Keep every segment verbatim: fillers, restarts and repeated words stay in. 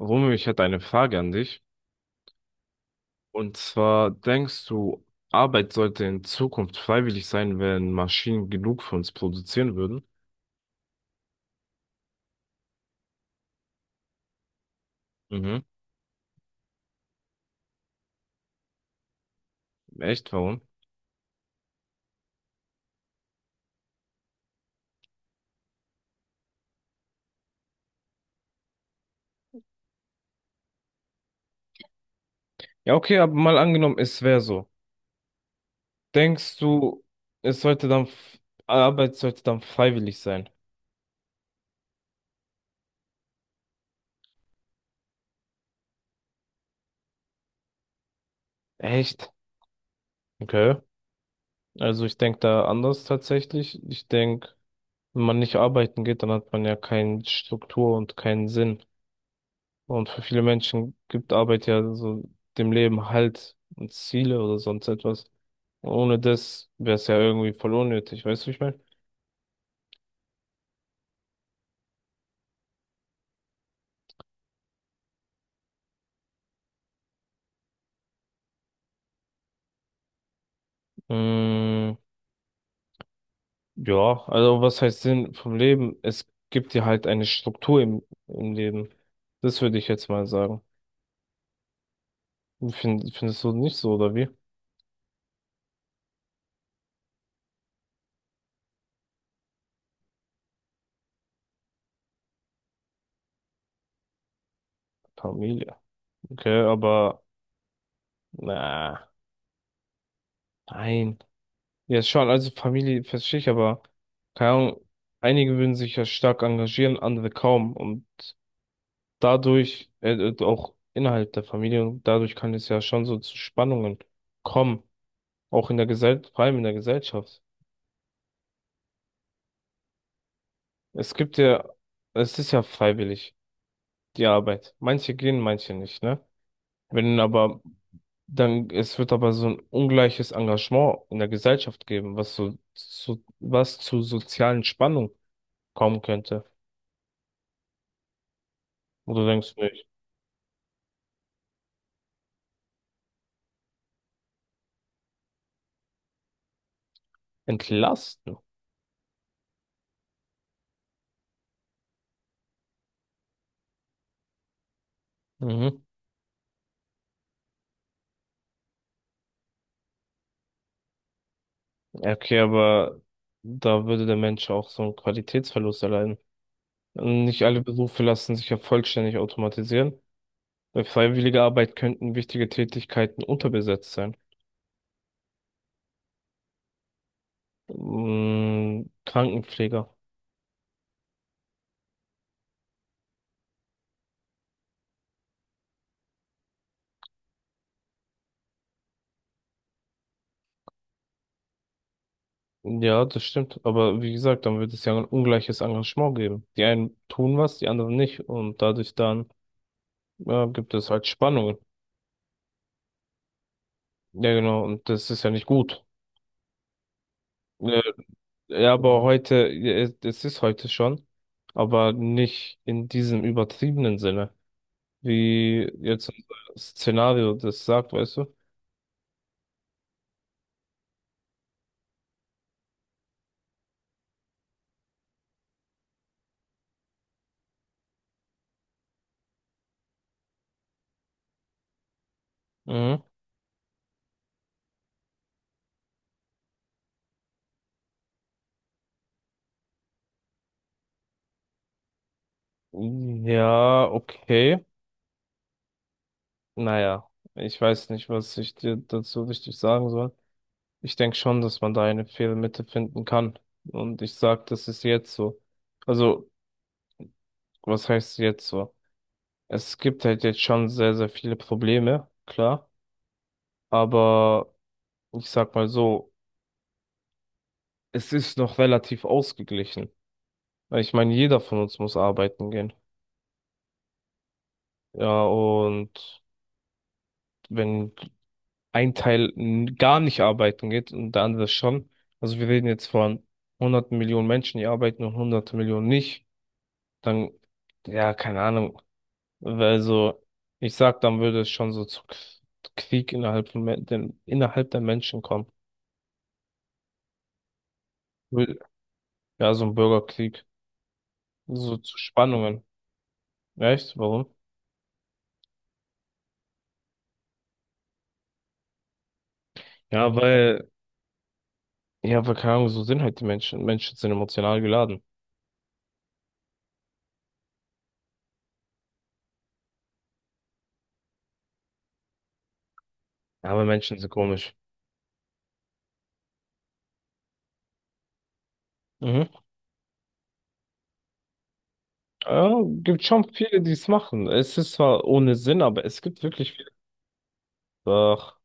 Romeo, ich hätte eine Frage an dich. Und zwar, denkst du, Arbeit sollte in Zukunft freiwillig sein, wenn Maschinen genug für uns produzieren würden? Mhm. Echt, warum? Ja, okay, aber mal angenommen, es wäre so. Denkst du, es sollte dann, f- Arbeit sollte dann freiwillig sein? Echt? Okay. Also ich denke da anders tatsächlich. Ich denke, wenn man nicht arbeiten geht, dann hat man ja keine Struktur und keinen Sinn. Und für viele Menschen gibt Arbeit ja so dem Leben Halt und Ziele oder sonst etwas. Ohne das wäre es ja irgendwie voll unnötig, weißt du, wie ich meine? Mm, ja, also was heißt Sinn vom Leben? Es gibt dir halt eine Struktur im, im Leben. Das würde ich jetzt mal sagen. Find, findest du nicht so, oder wie? Familie. Okay, aber na, nein. Ja, schon, also Familie verstehe ich, aber keine Ahnung, einige würden sich ja stark engagieren, andere kaum. Und dadurch, äh, äh, auch innerhalb der Familie, und dadurch kann es ja schon so zu Spannungen kommen, auch in der Gesellschaft, vor allem in der Gesellschaft. Es gibt ja, es ist ja freiwillig, die Arbeit. Manche gehen, manche nicht, ne? Wenn aber, dann, es wird aber so ein ungleiches Engagement in der Gesellschaft geben, was so, so was zu sozialen Spannungen kommen könnte. Und du denkst du nicht, entlasten. Mhm. Okay, aber da würde der Mensch auch so einen Qualitätsverlust erleiden. Nicht alle Berufe lassen sich ja vollständig automatisieren. Bei freiwilliger Arbeit könnten wichtige Tätigkeiten unterbesetzt sein. Mm, Krankenpfleger. Ja, das stimmt. Aber wie gesagt, dann wird es ja ein ungleiches Engagement geben. Die einen tun was, die anderen nicht. Und dadurch dann ja, gibt es halt Spannungen. Ja, genau. Und das ist ja nicht gut. Äh, Ja, aber heute, ja, es ist heute schon, aber nicht in diesem übertriebenen Sinne, wie jetzt unser Szenario das sagt, weißt du? Mhm. Ja, okay. Naja, ich weiß nicht, was ich dir dazu richtig sagen soll. Ich denke schon, dass man da eine Fehlmitte finden kann. Und ich sag, das ist jetzt so. Also, was heißt jetzt so? Es gibt halt jetzt schon sehr, sehr viele Probleme, klar. Aber ich sag mal so, es ist noch relativ ausgeglichen. Weil ich meine, jeder von uns muss arbeiten gehen. Ja, und wenn ein Teil n- gar nicht arbeiten geht und der andere schon. Also wir reden jetzt von hunderten Millionen Menschen, die arbeiten und hunderte Millionen nicht. Dann, ja, keine Ahnung. Also ich sag, dann würde es schon so zu K- Krieg innerhalb von Men- den, innerhalb der Menschen kommen. Wür- Ja, so ein Bürgerkrieg, so zu Spannungen. Weißt du, warum? Ja, weil, ja, weil keine Ahnung, so sind halt die Menschen. Menschen sind emotional geladen. Aber Menschen sind komisch. Mhm. Ja, gibt schon viele, die es machen. Es ist zwar ohne Sinn, aber es gibt wirklich viele. Doch,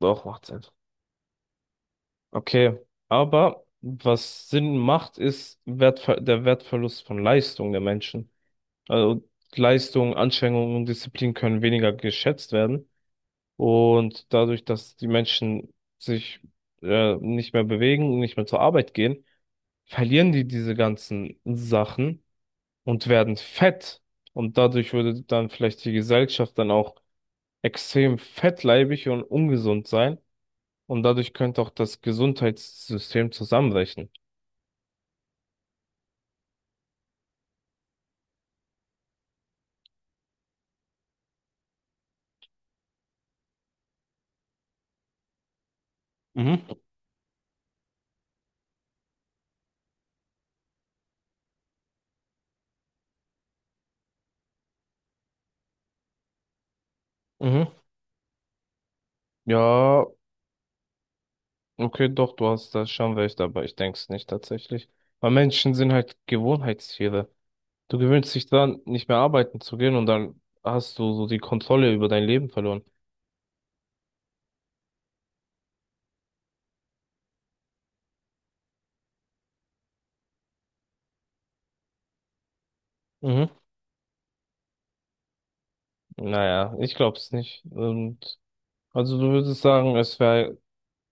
doch, macht Sinn. Okay, aber was Sinn macht, ist Wertver der Wertverlust von Leistung der Menschen. Also Leistung, Anstrengung und Disziplin können weniger geschätzt werden. Und dadurch, dass die Menschen sich äh, nicht mehr bewegen, und nicht mehr zur Arbeit gehen, verlieren die diese ganzen Sachen und werden fett. Und dadurch würde dann vielleicht die Gesellschaft dann auch extrem fettleibig und ungesund sein und dadurch könnte auch das Gesundheitssystem zusammenbrechen. Mhm. Mhm. Ja, okay, doch, du hast da schon recht, aber ich denke es nicht tatsächlich. Weil Menschen sind halt Gewohnheitstiere. Du gewöhnst dich dran, nicht mehr arbeiten zu gehen und dann hast du so die Kontrolle über dein Leben verloren. Mhm. Naja, ich glaub's nicht. Und also du würdest sagen, es wäre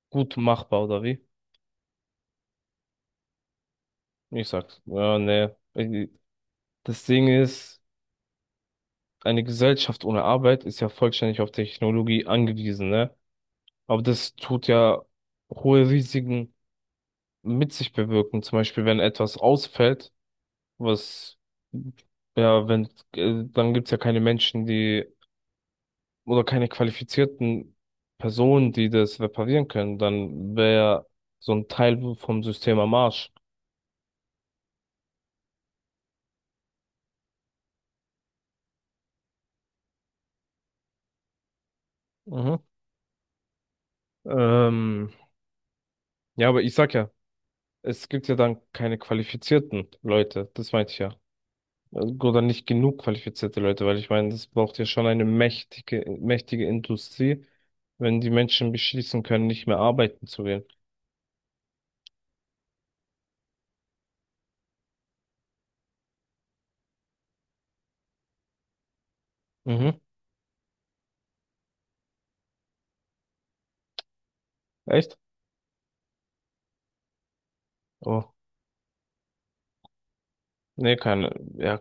gut machbar, oder wie? Ich sag's, ja, nee. Ich- Das Ding ist, eine Gesellschaft ohne Arbeit ist ja vollständig auf Technologie angewiesen, ne? Aber das tut ja hohe Risiken mit sich bewirken. Zum Beispiel, wenn etwas ausfällt, was, ja, wenn, äh, dann gibt's ja keine Menschen, die, oder keine qualifizierten Personen, die das reparieren können. Dann wäre so ein Teil vom System am Arsch. Mhm. Ähm, ja, aber ich sag ja, es gibt ja dann keine qualifizierten Leute, das meinte ich ja. Also oder nicht genug qualifizierte Leute, weil ich meine, das braucht ja schon eine mächtige, mächtige Industrie, wenn die Menschen beschließen können, nicht mehr arbeiten zu gehen. Mhm. Echt? Oh, nee, keine. Ja,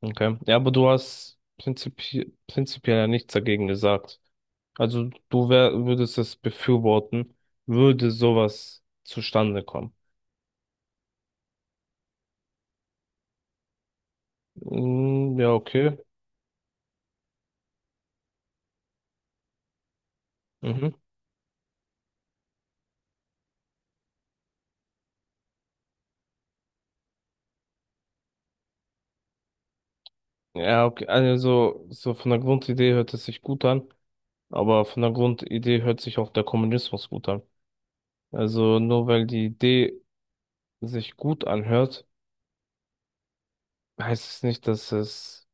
okay. Ja, aber du hast prinzipi prinzipiell ja nichts dagegen gesagt. Also du wär, würdest es befürworten, würde sowas zustande kommen. Mm, ja, okay. Mhm. Ja, okay. Also so von der Grundidee hört es sich gut an. Aber von der Grundidee hört sich auch der Kommunismus gut an. Also nur weil die Idee sich gut anhört, heißt es nicht, dass es,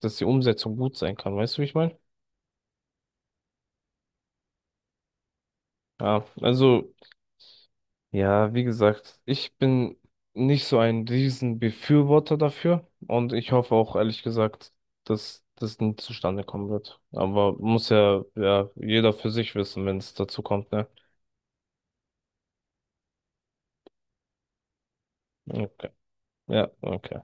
dass die Umsetzung gut sein kann. Weißt du, wie ich meine? Ja, also, ja, wie gesagt, ich bin nicht so ein Riesenbefürworter dafür und ich hoffe auch ehrlich gesagt, dass das nie zustande kommen wird. Aber muss ja, ja, jeder für sich wissen, wenn es dazu kommt, ne? Okay. Ja, okay.